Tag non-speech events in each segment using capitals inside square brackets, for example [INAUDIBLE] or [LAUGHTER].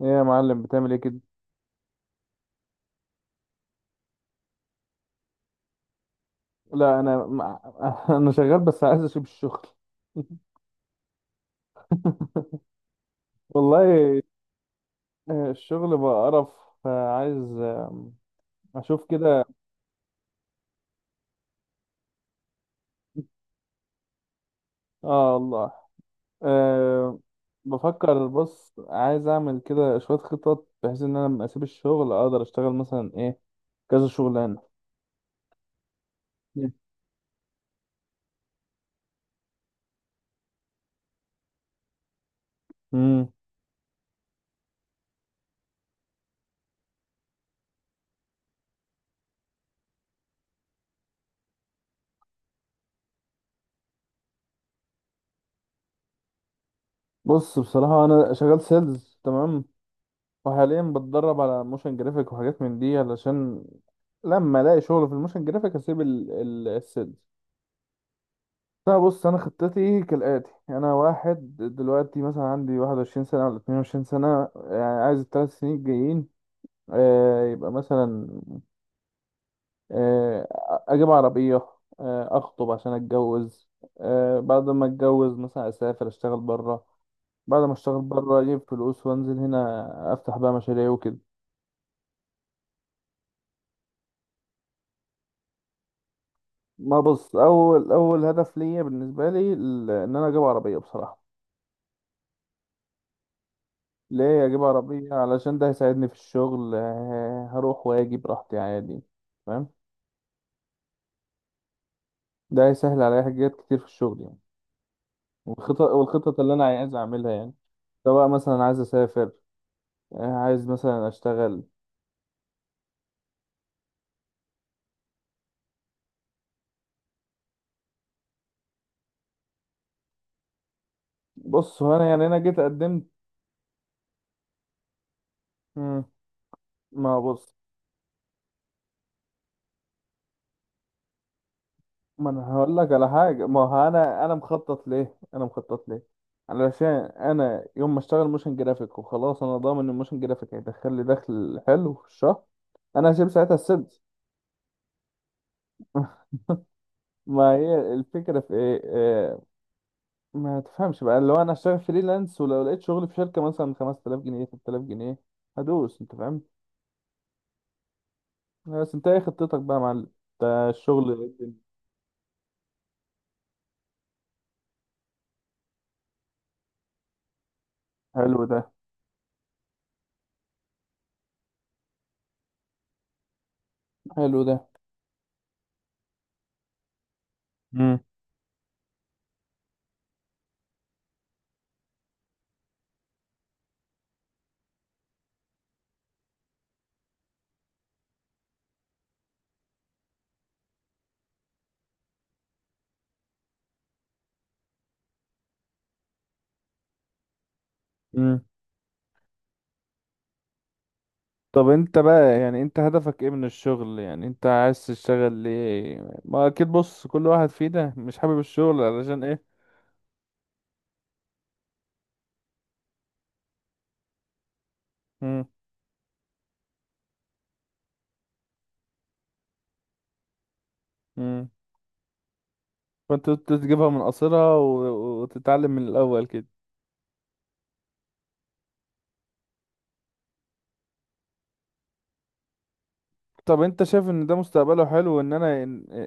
ايه يا معلم، بتعمل ايه كده؟ لا، انا [LAUGHS] انا شغال، بس عايز اسيب الشغل. [LAUGHS] والله. الشغل بقى قرف، فعايز اشوف كده. اه والله. أه. بفكر، بص، عايز اعمل كده شوية خطط، بحيث ان انا لما اسيب الشغل اقدر اشتغل مثلا ايه، كذا شغلانة. [LAUGHS] امم بص، بصراحة انا شغال سيلز، تمام. وحاليا بتدرب على موشن جرافيك وحاجات من دي، علشان لما الاقي شغل في الموشن جرافيك اسيب السيلز. لا، بص، انا خطتي كالاتي: انا واحد دلوقتي مثلا عندي 21 سنه ولا 22 سنه، يعني عايز الثلاث سنين الجايين، يبقى مثلا، آه، اجيب عربيه، اخطب عشان اتجوز، بعد ما اتجوز مثلا اسافر اشتغل بره. بعد ما اشتغل بره اجيب فلوس، وانزل هنا افتح بقى مشاريع وكده. ما بص، اول اول هدف ليا بالنسبه لي ان انا اجيب عربيه، بصراحه. ليه اجيب عربية؟ علشان ده هيساعدني في الشغل، هروح واجي براحتي عادي. فاهم؟ ده هيسهل عليا حاجات كتير في الشغل يعني. والخطط اللي انا عايز اعملها يعني. سواء مثلا عايز اسافر، عايز مثلا اشتغل. بص هو انا يعني انا جيت قدمت. مم. ما بص. ما انا هقول لك على حاجه، ما هو انا مخطط ليه، انا مخطط ليه. علشان انا يوم ما اشتغل موشن جرافيك وخلاص، انا ضامن ان الموشن جرافيك هيدخل لي دخل حلو في الشهر. انا هسيب ساعتها السيلز. [LAUGHS] ما هي الفكرة في ايه، ما تفهمش بقى، لو انا هشتغل فريلانس ولو لقيت شغل في شركة مثلا 5000 جنيه 3000 جنيه، هدوس، انت فاهم. بس انت ايه خطتك بقى يا معلم؟ ده الشغل. حلو ده. حلو ده. امم امم طب انت بقى يعني انت هدفك ايه من الشغل؟ يعني انت عايز تشتغل ليه؟ ما اكيد بص، كل واحد فينا مش حابب الشغل، علشان ايه؟ امم امم فانت تجيبها من قصرها وتتعلم من الاول كده. طب انت شايف ان ده مستقبله حلو؟ ان انا،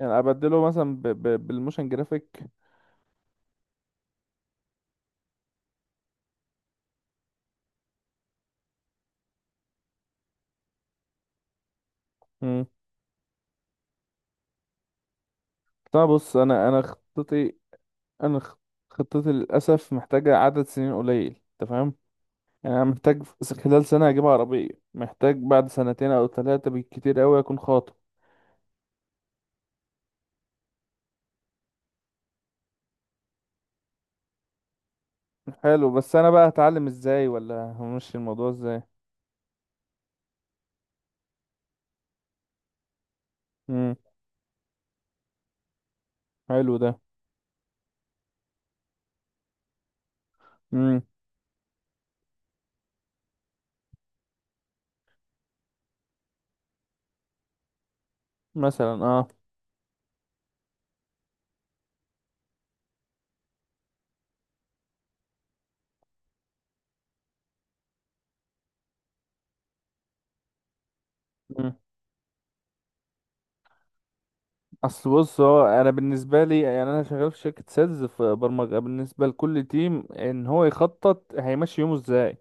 يعني ابدله مثلا بالموشن جرافيك. مم. طب بص، انا خطتي، انا خ- خطتي للاسف محتاجه عدد سنين قليل، انت فاهم؟ يعني انا محتاج، خلال سنه اجيب عربيه. محتاج بعد سنتين او ثلاثه بالكتير قوي اكون خاطب. حلو، بس انا بقى هتعلم ازاي، ولا همشي الموضوع ازاي؟ مم. حلو ده. امم مثلا اه. اصل بص، هو انا بالنسبه لي يعني انا شغال في شركه سيلز في برمجه، بالنسبه لكل تيم ان هو يخطط هيمشي يومه ازاي.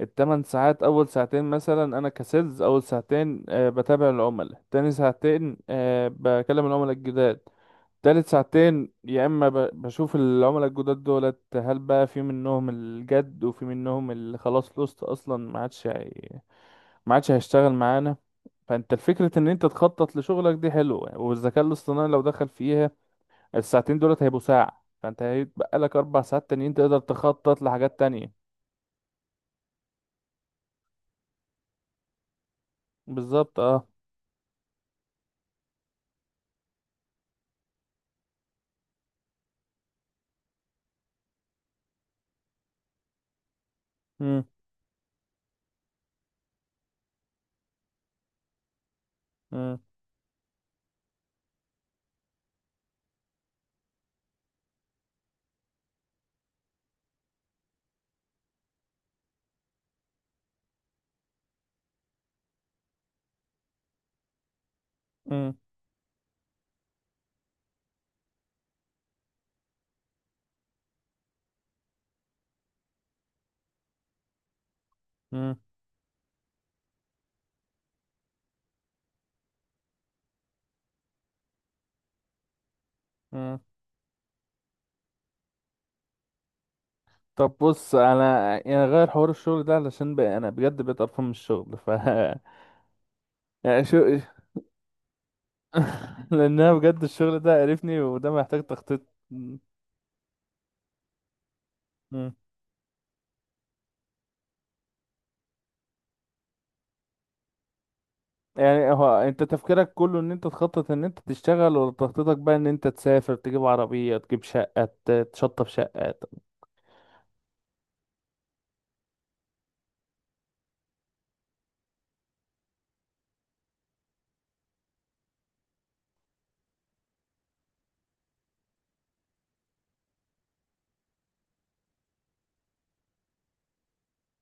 التمن ساعات، اول ساعتين مثلا انا كسيلز، اول ساعتين بتابع العملاء، تاني ساعتين بكلم العملاء الجداد. تالت ساعتين يا اما بشوف العملاء الجداد دولت، هل بقى في منهم الجد وفي منهم اللي خلاص لوست اصلا ما عادش هيشتغل معانا. فانت الفكرة ان انت تخطط لشغلك دي حلوة، والذكاء الاصطناعي لو دخل فيها الساعتين دولت هيبقوا ساعة، فانت هيتبقى لك 4 ساعات تانيين تقدر تخطط لحاجات تانية. بالظبط اه. مم. مم. مم. مم. مم. طب بص انا يعني غير حوار الشغل ده، علشان بقى انا بجد بقيت قرفان من الشغل ف [LAUGHS] يعني شو [LAUGHS] لان انا بجد الشغل ده قرفني، وده محتاج تخطيط. مم. يعني هو انت تفكيرك كله ان انت تخطط ان انت تشتغل، ولا تخطيطك بقى ان انت تسافر، تجيب عربية، تجيب شقة، تشطب شقة؟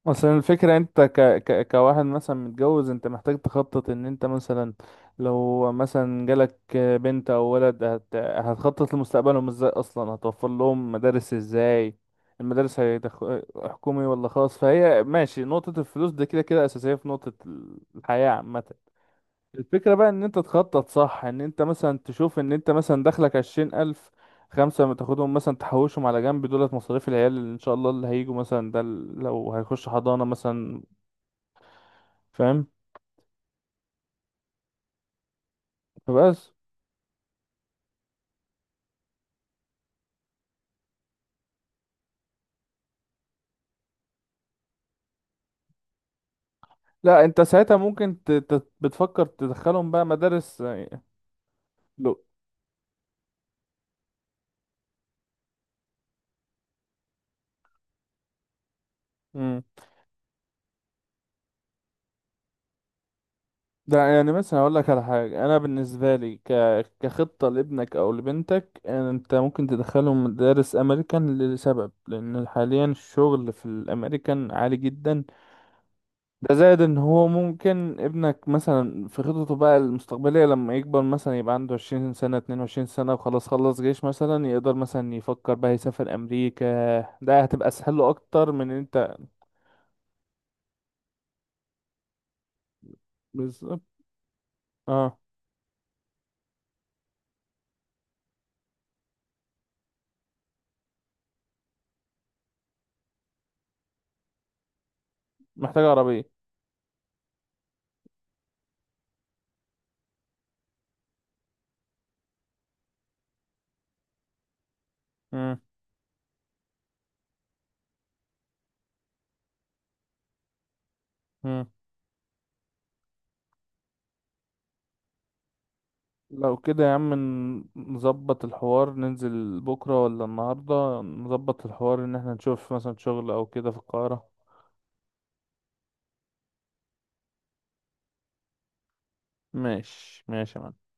مثلا الفكرة، انت كواحد مثلا متجوز، انت محتاج تخطط ان انت مثلا. لو مثلا جالك بنت او ولد، هتخطط لمستقبلهم ازاي، اصلا هتوفر لهم مدارس ازاي؟ المدارس حكومي ولا خاص؟ فهي ماشي، نقطة الفلوس دي كده كده اساسية في نقطة الحياة عامة. الفكرة بقى ان انت تخطط صح، ان انت مثلا تشوف ان انت مثلا دخلك 20 الف، خمسة ما تاخدهم مثلا تحوشهم على جنب، دولت مصاريف العيال اللي ان شاء الله اللي هيجوا مثلا، ده لو هيخش حضانة مثلا. فاهم؟ فبس. لا، انت ساعتها ممكن بتفكر تدخلهم بقى مدارس، لو. مم. ده يعني مثلا اقول لك على حاجة، انا بالنسبة لي كخطة لابنك او لبنتك، انت ممكن تدخلهم مدارس امريكان، لسبب لان حاليا الشغل في الامريكان عالي جدا. ده زائد ان هو ممكن ابنك مثلا في خططه بقى المستقبلية، لما يكبر مثلا يبقى عنده 20 سنة، 22 سنة، وخلاص خلص جيش، مثلا يقدر مثلا يفكر بقى يسافر امريكا. ده هتبقى اسهل له اكتر من إن انت. بالظبط. اه محتاج عربية. مم. مم. لو كده يا عم، نظبط الحوار ننزل بكرة ولا النهاردة؟ نظبط الحوار ان احنا نشوف مثلا شغل او كده في القاهرة. ماشي ماشي يا معلم.